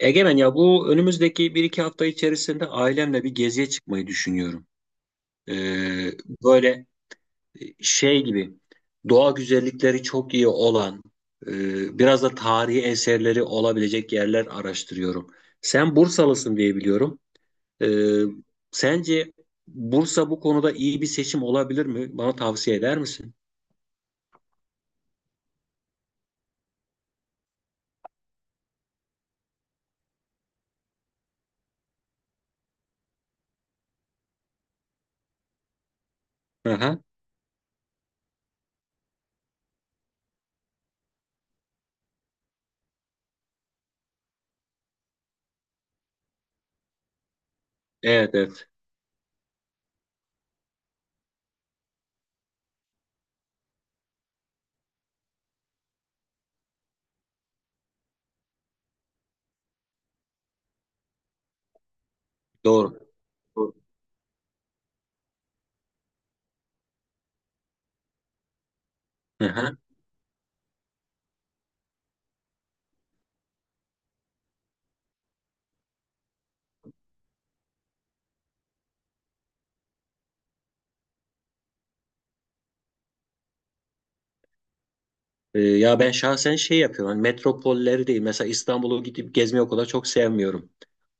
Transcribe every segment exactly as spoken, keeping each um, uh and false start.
Egemen ya bu önümüzdeki bir iki hafta içerisinde ailemle bir geziye çıkmayı düşünüyorum. Ee, böyle e, şey gibi doğa güzellikleri çok iyi olan, e, biraz da tarihi eserleri olabilecek yerler araştırıyorum. Sen Bursalısın diye biliyorum. Ee, sence Bursa bu konuda iyi bir seçim olabilir mi? Bana tavsiye eder misin? Aha. Evet, evet, doğru. Doğru. Ee, ya ben şahsen şey yapıyorum. Hani metropolleri değil. Mesela İstanbul'u gidip gezmeyi o kadar çok sevmiyorum.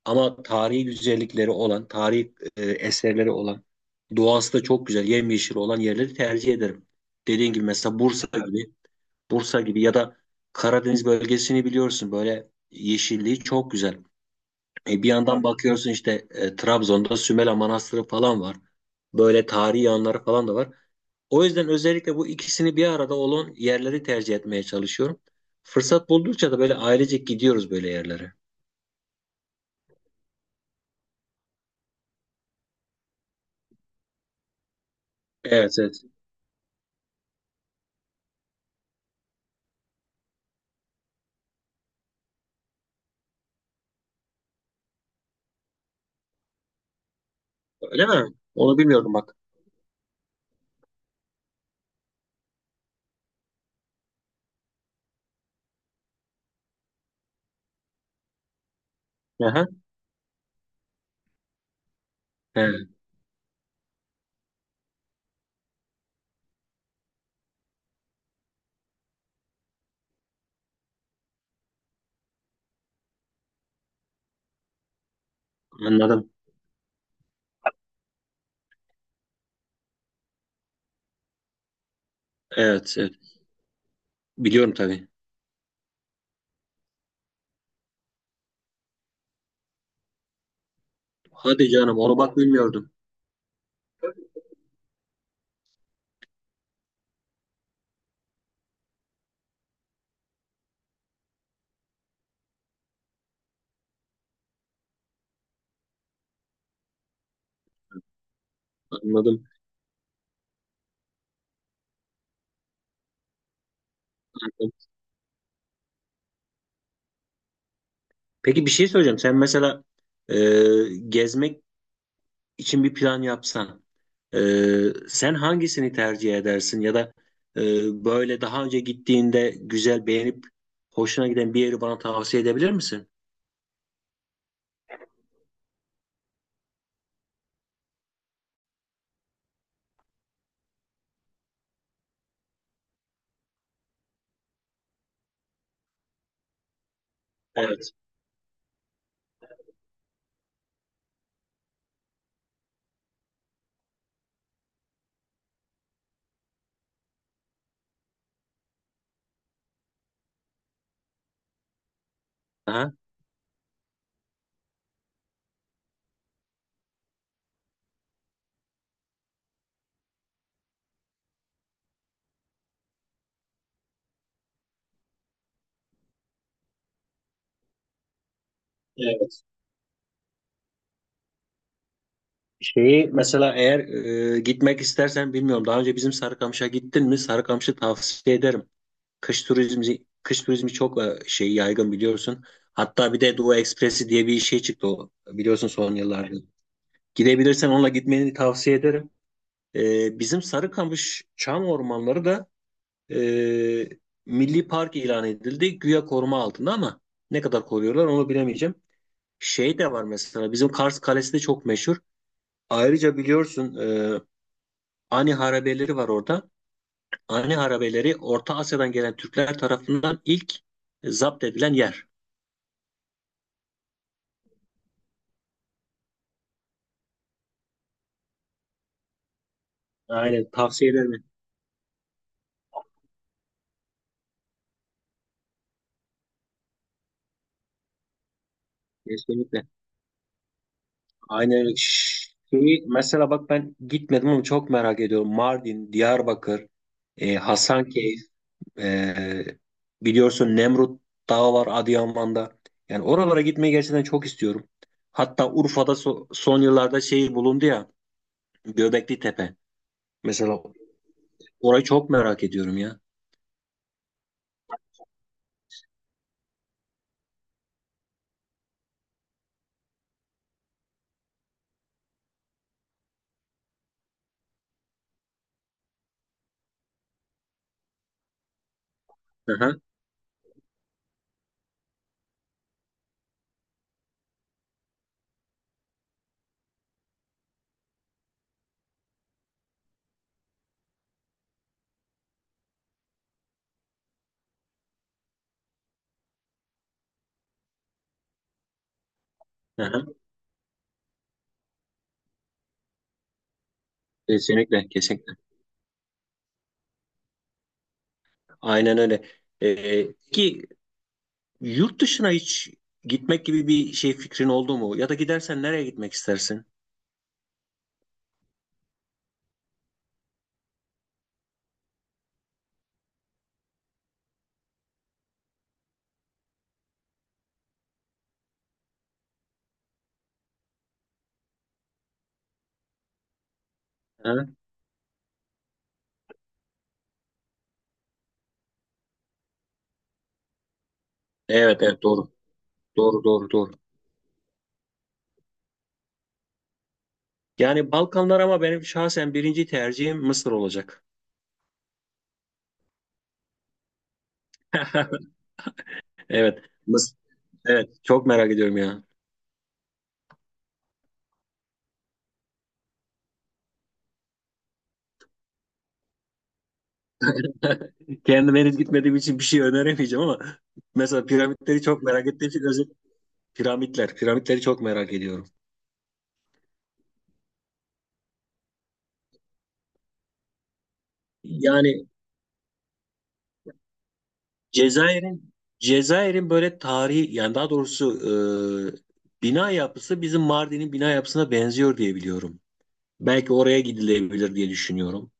Ama tarihi güzellikleri olan, tarihi e, eserleri olan, doğası da çok güzel, yemyeşil olan yerleri tercih ederim. Dediğin gibi mesela Bursa gibi, Bursa gibi ya da Karadeniz bölgesini biliyorsun, böyle yeşilliği çok güzel. E, bir yandan bakıyorsun işte e, Trabzon'da Sümela Manastırı falan var. Böyle tarihi yanları falan da var. O yüzden özellikle bu ikisini bir arada olan yerleri tercih etmeye çalışıyorum. Fırsat buldukça da böyle ailecek gidiyoruz böyle yerlere. Evet, evet. Öyle mi? Onu bilmiyordum bak. Aha. He, anladım. Evet, evet. Biliyorum tabii. Hadi canım, onu bak bilmiyordum. Anladım. Anladım. Peki, bir şey söyleyeceğim. Sen mesela e, gezmek için bir plan yapsan, e, sen hangisini tercih edersin ya da e, böyle daha önce gittiğinde güzel beğenip hoşuna giden bir yeri bana tavsiye edebilir misin? Evet. Aha. Evet. Şeyi mesela eğer e, gitmek istersen, bilmiyorum daha önce bizim Sarıkamış'a gittin mi? Sarıkamış'ı tavsiye ederim. Kış turizmi kış turizmi çok e, şey yaygın biliyorsun. Hatta bir de Doğu Ekspresi diye bir şey çıktı, o biliyorsun son yıllarda. Gidebilirsen onunla gitmeni tavsiye ederim. E, bizim Sarıkamış Çam Ormanları da e, Milli Park ilan edildi. Güya koruma altında ama ne kadar koruyorlar onu bilemeyeceğim. Şey de var, mesela bizim Kars Kalesi de çok meşhur. Ayrıca biliyorsun e, Ani harabeleri var orada. Ani harabeleri Orta Asya'dan gelen Türkler tarafından ilk zapt edilen yer. Aynen, tavsiye ederim. Kesinlikle. Aynen şeyi mesela, bak ben gitmedim ama çok merak ediyorum. Mardin, Diyarbakır, e, Hasankeyf, e, biliyorsun Nemrut Dağı var Adıyaman'da. Yani oralara gitmeyi gerçekten çok istiyorum. Hatta Urfa'da so- son yıllarda şey bulundu ya, Göbekli Tepe. Mesela orayı çok merak ediyorum ya. Aha, aha. Kesinlikle, kesinlikle. Aynen öyle. E, ki yurt dışına hiç gitmek gibi bir şey fikrin oldu mu? Ya da gidersen nereye gitmek istersin? Ha? Evet, evet, doğru. Doğru, doğru, doğru. Yani Balkanlar ama benim şahsen birinci tercihim Mısır olacak. Evet. Mısır. Evet. Çok merak ediyorum ya. Kendim henüz gitmediğim için bir şey öneremeyeceğim ama mesela piramitleri çok merak ettiğim için özel piramitler. Piramitleri çok merak ediyorum. Yani Cezayir'in Cezayir'in böyle tarihi, yani daha doğrusu e, bina yapısı bizim Mardin'in bina yapısına benziyor diye biliyorum. Belki oraya gidilebilir diye düşünüyorum.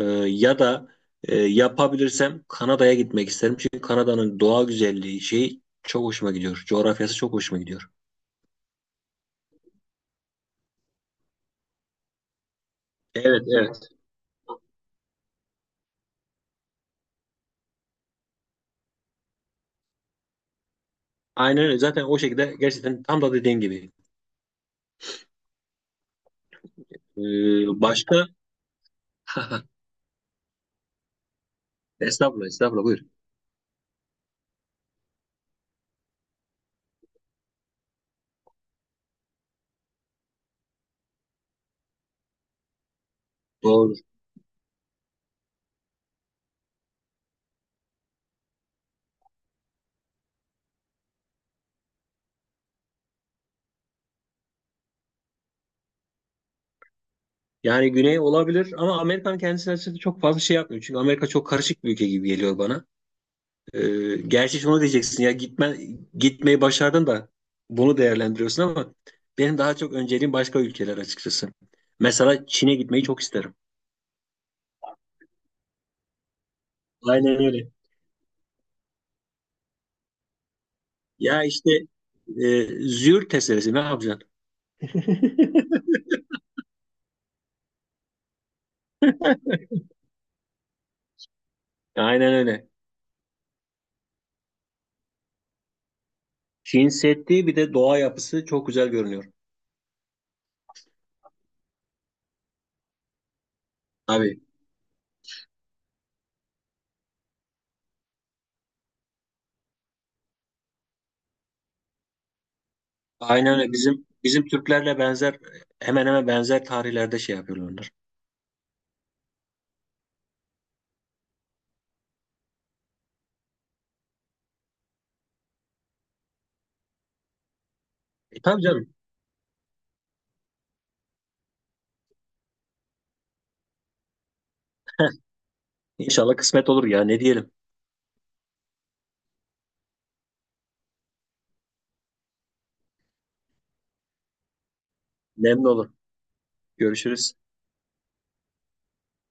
E, ya da e, yapabilirsem Kanada'ya gitmek isterim. Çünkü Kanada'nın doğa güzelliği şeyi çok hoşuma gidiyor. Coğrafyası çok hoşuma gidiyor. Evet, evet. Aynen öyle. Zaten o şekilde, gerçekten tam da dediğin gibi. E, başka? Estağfurullah, estağfurullah, buyur. Yani güney olabilir ama Amerika'nın kendisi açısından çok fazla şey yapmıyor. Çünkü Amerika çok karışık bir ülke gibi geliyor bana. Ee, gerçi şunu diyeceksin ya, gitmen gitmeyi başardın da bunu değerlendiriyorsun ama benim daha çok önceliğim başka ülkeler, açıkçası. Mesela Çin'e gitmeyi çok isterim. Aynen öyle. Ya işte e, züğürt tesellisi ne yapacaksın? Aynen öyle. Çin Seddi, bir de doğa yapısı çok güzel görünüyor. Tabii. Aynen öyle. Bizim bizim Türklerle benzer, hemen hemen benzer tarihlerde şey yapıyorlar onlar. E, tabii canım. İnşallah kısmet olur ya. Ne diyelim? Memnun olur. Görüşürüz.